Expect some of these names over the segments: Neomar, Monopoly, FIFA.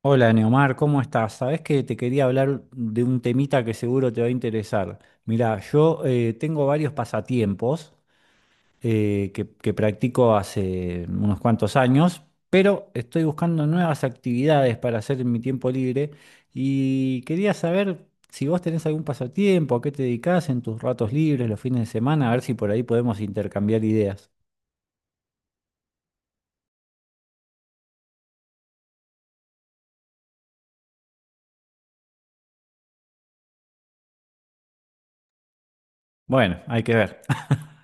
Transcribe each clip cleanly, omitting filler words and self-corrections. Hola Neomar, ¿cómo estás? Sabés que te quería hablar de un temita que seguro te va a interesar. Mirá, yo tengo varios pasatiempos que practico hace unos cuantos años, pero estoy buscando nuevas actividades para hacer en mi tiempo libre y quería saber si vos tenés algún pasatiempo, a qué te dedicás en tus ratos libres, los fines de semana, a ver si por ahí podemos intercambiar ideas. Bueno, hay que ver.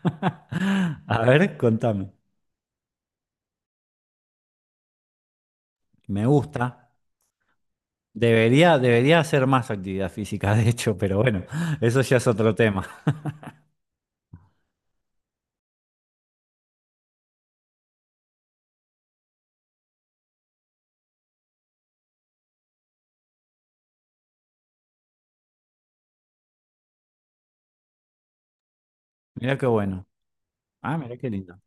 A ver, contame. Me gusta. Debería hacer más actividad física, de hecho, pero bueno, eso ya es otro tema. Mirá qué bueno. Ah, mirá qué lindo.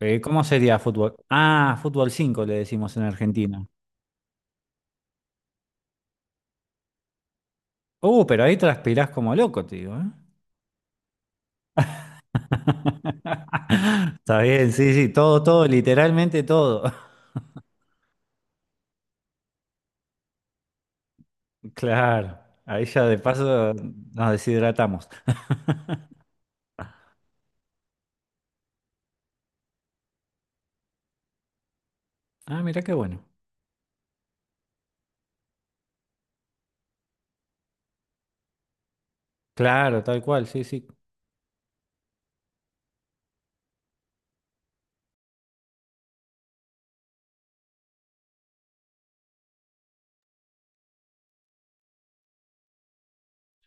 ¿Cómo sería fútbol? Ah, fútbol 5 le decimos en Argentina. Pero ahí transpirás como loco, te digo, ¿eh? Está bien, sí, sí, todo, todo, literalmente todo. Claro, ahí ya de paso nos deshidratamos. Ah, mirá qué bueno. Claro, tal cual, sí, sí.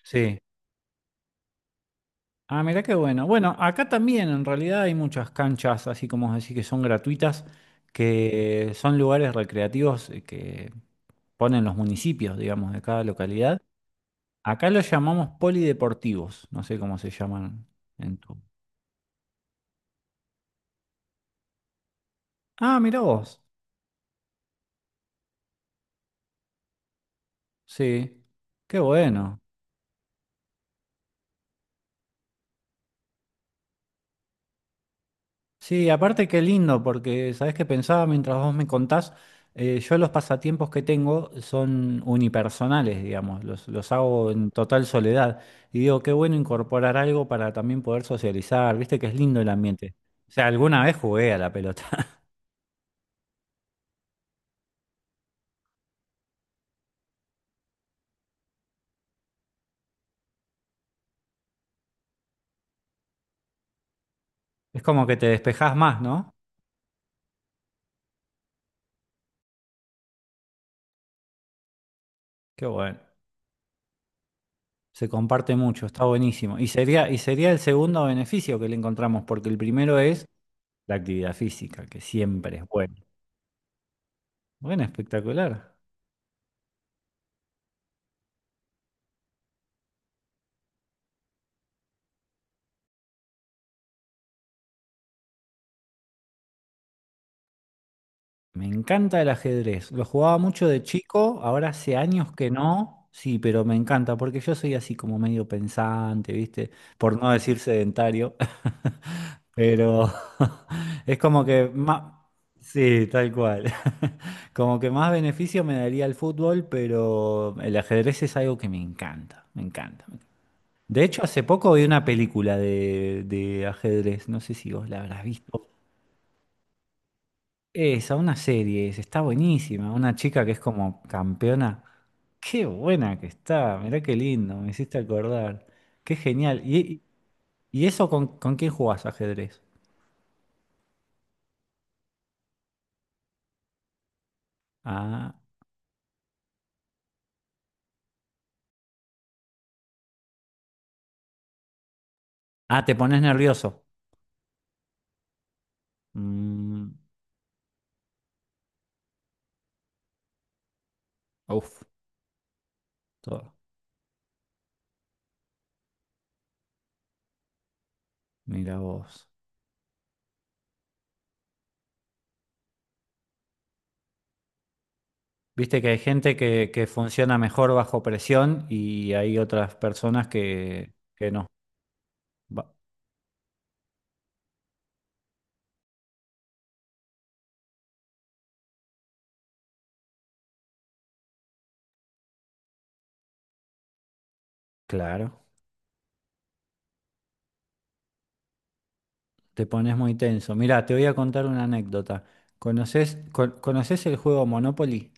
Sí, ah, mirá qué bueno. Bueno, acá también en realidad hay muchas canchas, así como decir que son gratuitas, que son lugares recreativos que ponen los municipios, digamos, de cada localidad. Acá los llamamos polideportivos, no sé cómo se llaman en tu. Ah, mirá vos. Sí, qué bueno. Sí, aparte qué lindo, porque sabes que pensaba mientras vos me contás, yo los pasatiempos que tengo son unipersonales, digamos, los hago en total soledad. Y digo, qué bueno incorporar algo para también poder socializar, viste que es lindo el ambiente. O sea, alguna vez jugué a la pelota. Es como que te despejás más, ¿no? Qué bueno. Se comparte mucho, está buenísimo. Y sería el segundo beneficio que le encontramos, porque el primero es la actividad física, que siempre es bueno. Bueno, espectacular. Me encanta el ajedrez. Lo jugaba mucho de chico, ahora hace años que no. Sí, pero me encanta porque yo soy así como medio pensante, ¿viste? Por no decir sedentario. Pero es como que más... Sí, tal cual. Como que más beneficio me daría el fútbol, pero el ajedrez es algo que me encanta, me encanta. De hecho, hace poco vi una película de ajedrez, no sé si vos la habrás visto. Esa, una serie, esa, está buenísima. Una chica que es como campeona. Qué buena que está, mirá qué lindo, me hiciste acordar. Qué genial. Y eso con quién jugás ajedrez? Ah, ah, te pones nervioso. Mm, uf, todo. Mira vos. Viste que hay gente que funciona mejor bajo presión y hay otras personas que no. Va- claro. Te pones muy tenso. Mirá, te voy a contar una anécdota. ¿ conoces el juego Monopoly?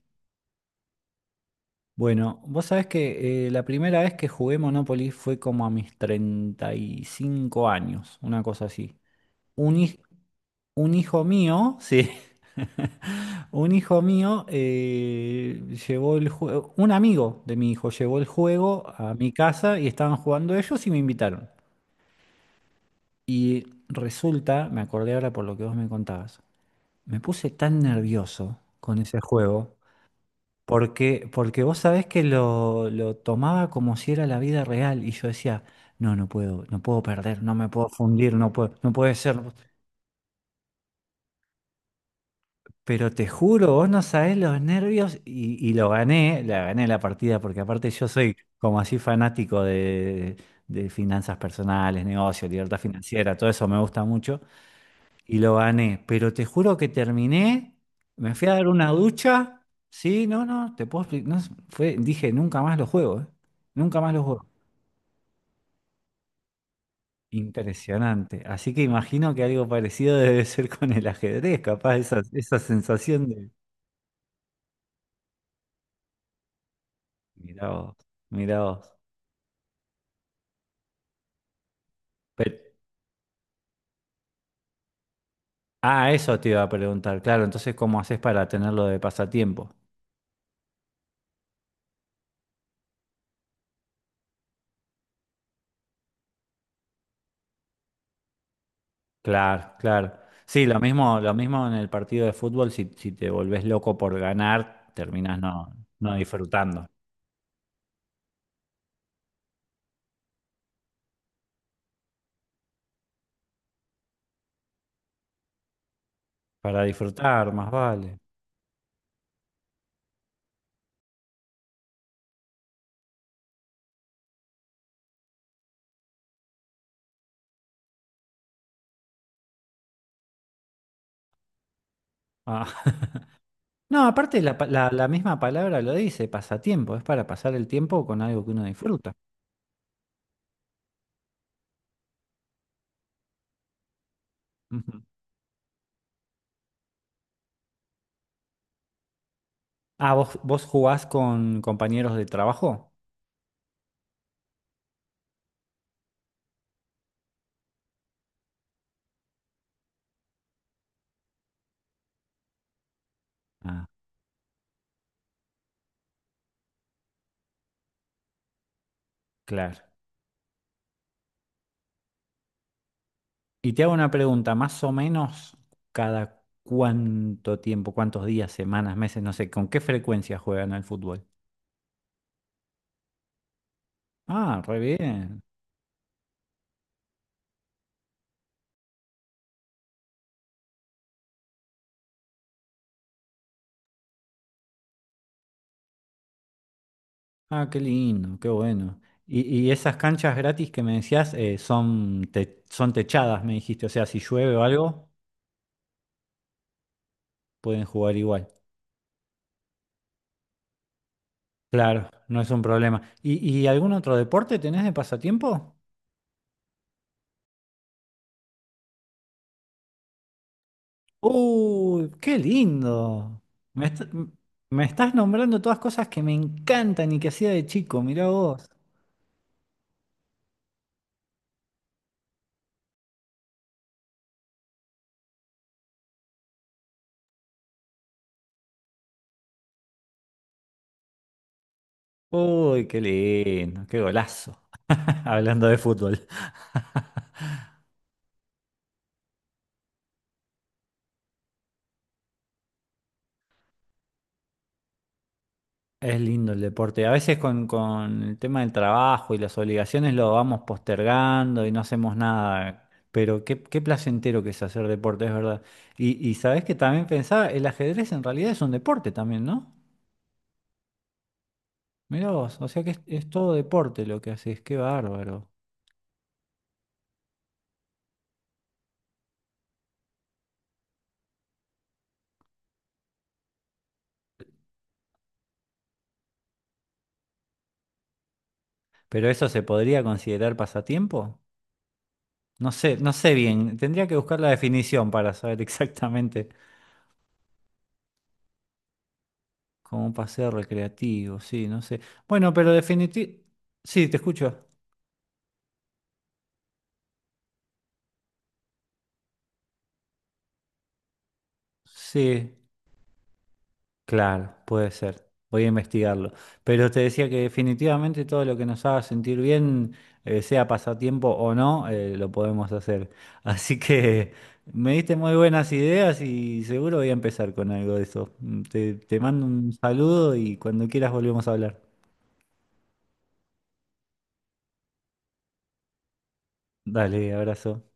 Bueno, vos sabés que la primera vez que jugué Monopoly fue como a mis 35 años, una cosa así. Un, hij- un hijo mío, sí, un hijo mío llevó el juego, un amigo de mi hijo llevó el juego a mi casa y estaban jugando ellos y me invitaron. Y resulta, me acordé ahora por lo que vos me contabas. Me puse tan nervioso con ese juego porque, porque vos sabés que lo tomaba como si era la vida real y yo decía, no, no puedo, no puedo perder, no me puedo fundir, no puedo, no puede ser. Pero te juro, vos no sabés los nervios y lo gané la partida porque aparte yo soy como así fanático de finanzas personales, negocios, libertad financiera, todo eso me gusta mucho. Y lo gané. Pero te juro que terminé, me fui a dar una ducha. Sí, no, no, te puedo explicar. No, fue, dije, nunca más lo juego, ¿eh? Nunca más lo juego. Impresionante. Así que imagino que algo parecido debe ser con el ajedrez, capaz, esa sensación de. Mirá vos, mirá vos. Pero- ah, eso te iba a preguntar, claro. Entonces, ¿cómo haces para tenerlo de pasatiempo? Claro, claro. Sí, lo mismo en el partido de fútbol, si, si te volvés loco por ganar, terminás no, no disfrutando. Para disfrutar, más vale. Ah, no, aparte la, pa- la- la misma palabra lo dice, pasatiempo, es para pasar el tiempo con algo que uno disfruta. Ujú. Ah, ¿vos jugás con compañeros de trabajo? Ah, claro. Y te hago una pregunta, más o menos cada cuánto tiempo, cuántos días, semanas, meses, no sé, ¿con qué frecuencia juegan al fútbol? Ah, re bien. Ah, qué lindo, qué bueno. Y, y esas canchas gratis que me decías son, te- son techadas, me dijiste. O sea, si llueve o algo, pueden jugar igual. Claro, no es un problema. Y algún otro deporte tenés de pasatiempo? ¡Uy, qué lindo! Me, est- m- me estás nombrando todas cosas que me encantan y que hacía de chico, mirá vos. ¡Uy, qué lindo! ¡Qué golazo! Hablando de fútbol. Es lindo el deporte. A veces con el tema del trabajo y las obligaciones lo vamos postergando y no hacemos nada. Pero qué, qué placentero que es hacer deporte, es verdad. Y sabés que también pensaba, el ajedrez en realidad es un deporte también, ¿no? Mirá vos, o sea que es todo deporte lo que haces, qué bárbaro. ¿Pero eso se podría considerar pasatiempo? No sé, no sé bien, tendría que buscar la definición para saber exactamente cómo un paseo recreativo, sí, no sé. Bueno, pero definitivamente... Sí, te escucho. Sí, claro, puede ser. Voy a investigarlo. Pero te decía que definitivamente todo lo que nos haga sentir bien, sea pasatiempo o no, lo podemos hacer. Así que me diste muy buenas ideas y seguro voy a empezar con algo de eso. Mm, te mando un saludo y cuando quieras volvemos a hablar. Dale, abrazo.